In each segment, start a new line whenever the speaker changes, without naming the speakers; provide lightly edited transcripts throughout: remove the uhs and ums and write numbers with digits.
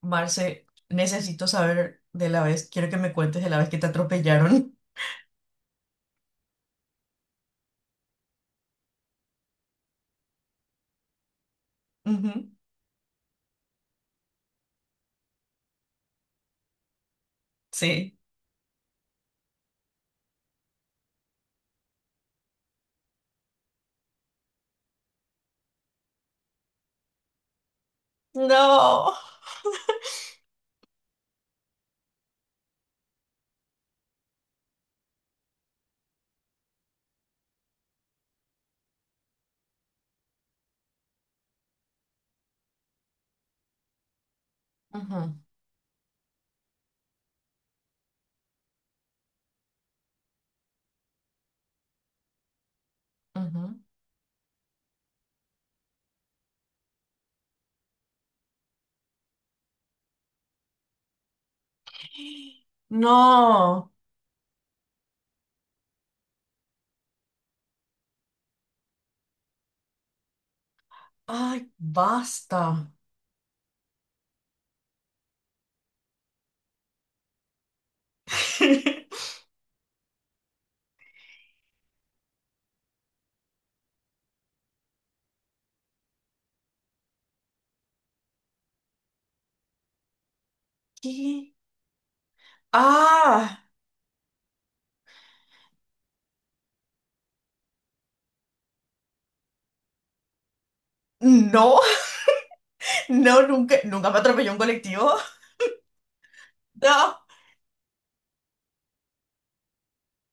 Marce, necesito saber de la vez, quiero que me cuentes de la vez que te atropellaron. Ujú. Sí. No. Ujú, ujú. No. Ay, basta. ¿Qué? Ah, no, no, nunca, nunca me atropelló un colectivo. No,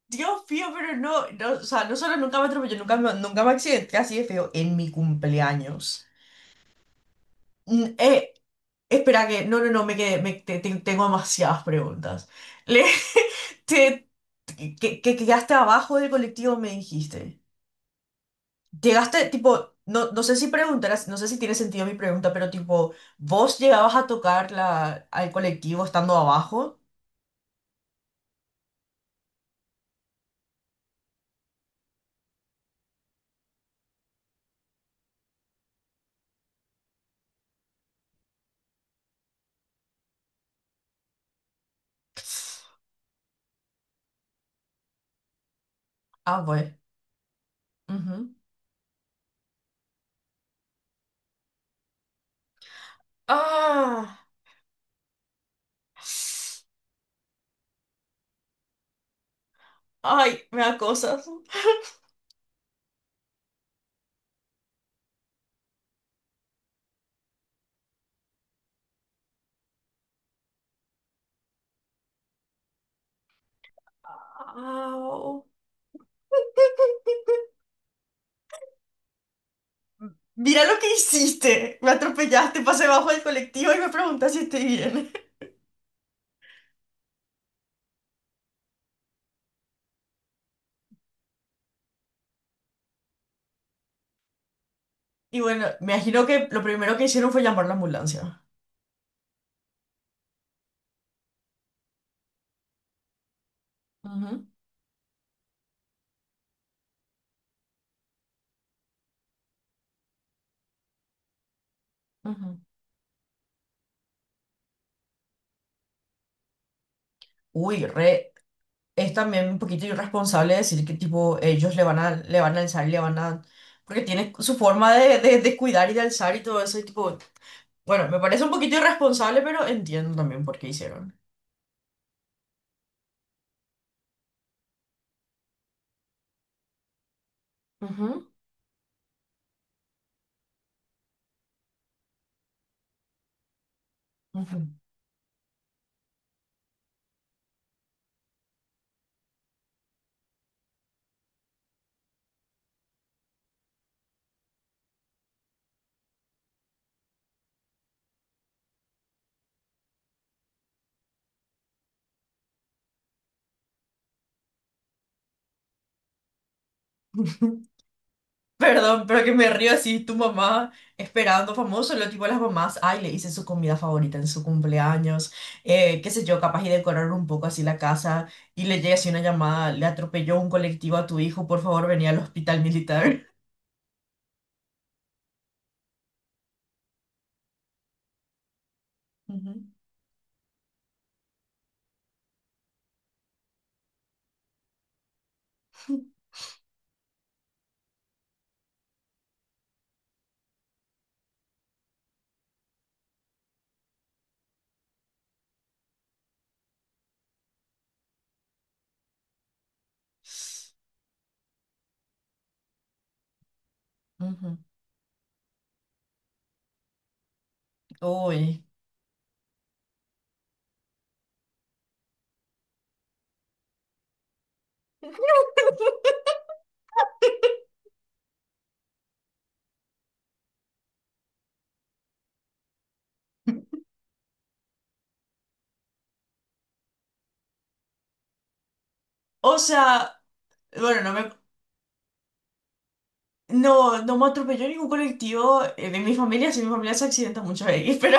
Dios mío, pero no, no, o sea, no solo nunca me atropelló, nunca me accidenté así de feo en mi cumpleaños. Mm. Espera que, no, no, no, me quedé, me- te- te- tengo demasiadas preguntas. Le- te- que quedaste abajo del colectivo, me dijiste. Llegaste, tipo, no, no sé si preguntarás, no sé si tiene sentido mi pregunta, pero tipo, ¿vos llegabas a tocar al colectivo estando abajo? Ah, bueno, ujú. Ah. Ay, me da cosas. Au. Mira lo que hiciste. Me atropellaste, pasé bajo del colectivo y me preguntas si estoy bien. Y bueno, me imagino que lo primero que hicieron fue llamar la ambulancia. Ujú, ujú. Uy, re, es también un poquito irresponsable decir que tipo ellos le van a alzar y le van a. Porque tiene su forma de cuidar y de alzar y todo eso y tipo. Bueno, me parece un poquito irresponsable, pero entiendo también por qué hicieron. Ujú. Ujú. Perdón, pero que me río así, tu mamá esperando famoso, lo tipo las mamás, ay, le hice su comida favorita en su cumpleaños, qué sé yo, capaz y decorar un poco así la casa y le llega así una llamada, le atropelló un colectivo a tu hijo, por favor, venía al hospital militar. Ujú. Ujú. Uy. O sea, bueno, no me atropelló ningún colectivo de mi familia, si mi familia se accidenta muchas veces, pero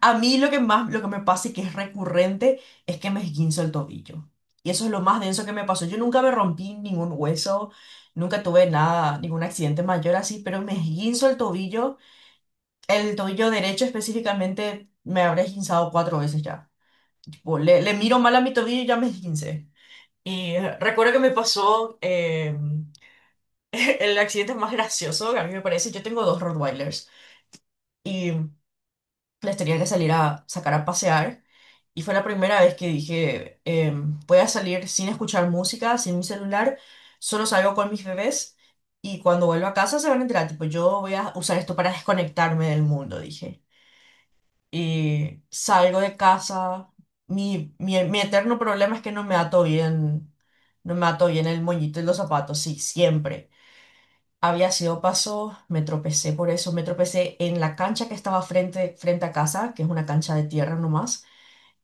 a mí lo que más, lo que me pasa y que es recurrente es que me esguinzo el tobillo. Y eso es lo más denso que me pasó. Yo nunca me rompí ningún hueso, nunca tuve nada, ningún accidente mayor así, pero me esguinzo el tobillo derecho específicamente, me habré esguinzado cuatro veces ya. Tipo, le miro mal a mi tobillo y ya me esguincé. Y recuerdo que me pasó el accidente más gracioso que a mí me parece. Yo tengo dos Rottweilers y les tenía que salir a sacar a pasear. Y fue la primera vez que dije, voy a salir sin escuchar música, sin mi celular, solo salgo con mis bebés y cuando vuelvo a casa se van a enterar, tipo, yo voy a usar esto para desconectarme del mundo, dije. Y salgo de casa. Mi eterno problema es que no me ato bien, no me ato bien el moñito y los zapatos, sí, siempre. Había sido paso, me tropecé por eso, me tropecé en la cancha que estaba frente, frente a casa, que es una cancha de tierra nomás.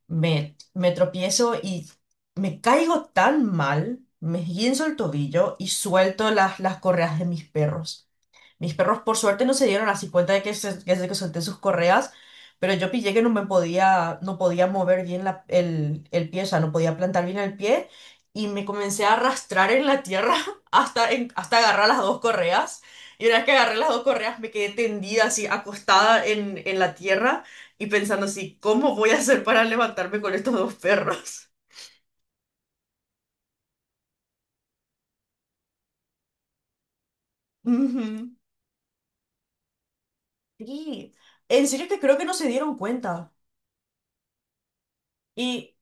Me tropiezo y me caigo tan mal, me esguinzo el tobillo y suelto las correas de mis perros. Mis perros por suerte no se dieron así cuenta de que, que solté sus correas, pero yo pillé que no podía mover bien el pie, o sea, no podía plantar bien el pie y me comencé a arrastrar en la tierra hasta, hasta agarrar las dos correas. Y una vez que agarré las dos correas me quedé tendida así, acostada en la tierra y pensando así, ¿cómo voy a hacer para levantarme con estos dos perros? Ujú. Sí, en serio que creo que no se dieron cuenta. Y.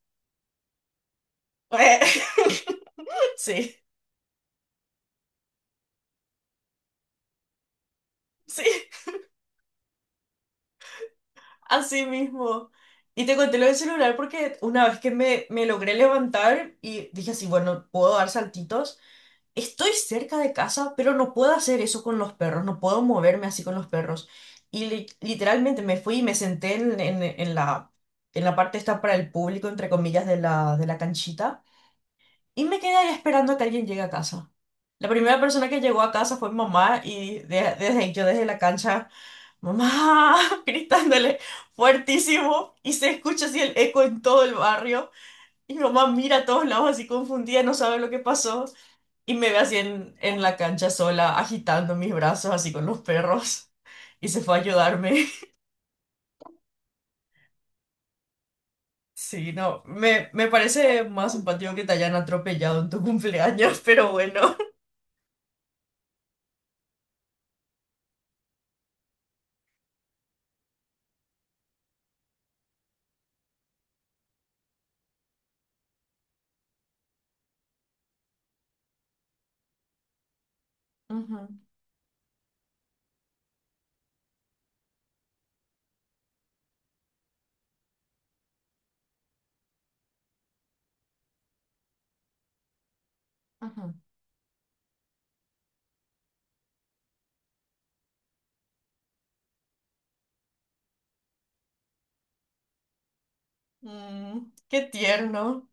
Sí, sí. Así mismo. Y te conté lo del celular porque una vez que me logré levantar y dije así, bueno, puedo dar saltitos. Estoy cerca de casa, pero no puedo hacer eso con los perros, no puedo moverme así con los perros. Y literalmente me fui y me senté en la parte esta para el público, entre comillas, de de la canchita. Y me quedé ahí esperando a que alguien llegue a casa. La primera persona que llegó a casa fue mamá y desde, yo desde la cancha, mamá, gritándole fuertísimo y se escucha así el eco en todo el barrio. Y mi mamá mira a todos lados así confundida, no sabe lo que pasó. Y me ve así en la cancha sola, agitando mis brazos así con los perros. Y se fue a ayudarme. Sí, no, me parece más simpático que te hayan atropellado en tu cumpleaños, pero bueno. Ujú, ujú. Mm, qué tierno.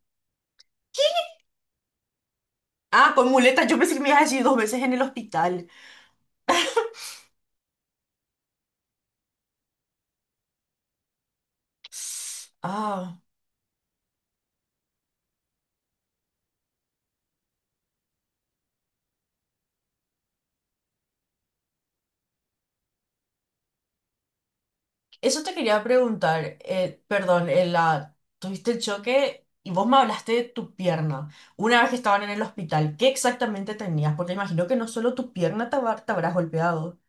Ah, con muletas. Yo pensé que me ibas a decir dos veces en el hospital. Ah, eso te quería preguntar. Perdón, tuviste el choque y vos me hablaste de tu pierna. Una vez que estaban en el hospital, ¿qué exactamente tenías? Porque imagino que no solo tu pierna te, te habrás golpeado.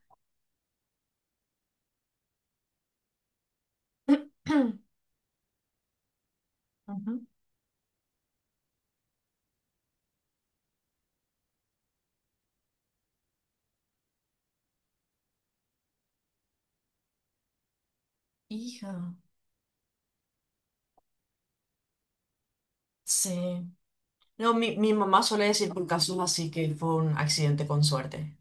Ujú. Hija. Sí. No, mi mamá suele decir por casos así que fue un accidente con suerte.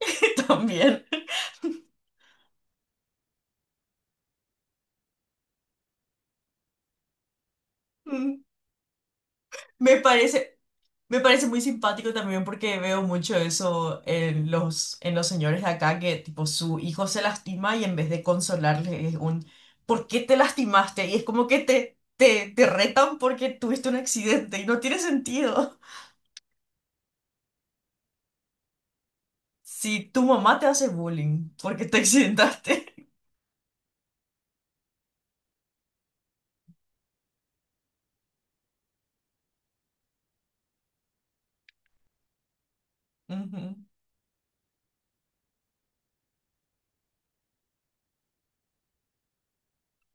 También. Mm, me parece. Me parece muy simpático también porque veo mucho eso en los señores de acá, que tipo su hijo se lastima y en vez de consolarle es un ¿por qué te lastimaste? Y es como que te retan porque tuviste un accidente y no tiene sentido. Si tu mamá te hace bullying porque te accidentaste. Ujú.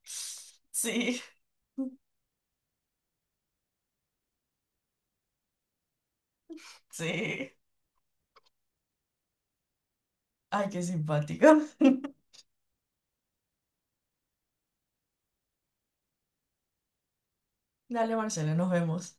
Sí, sí. Ay, qué simpático. Dale, Marcela, nos vemos.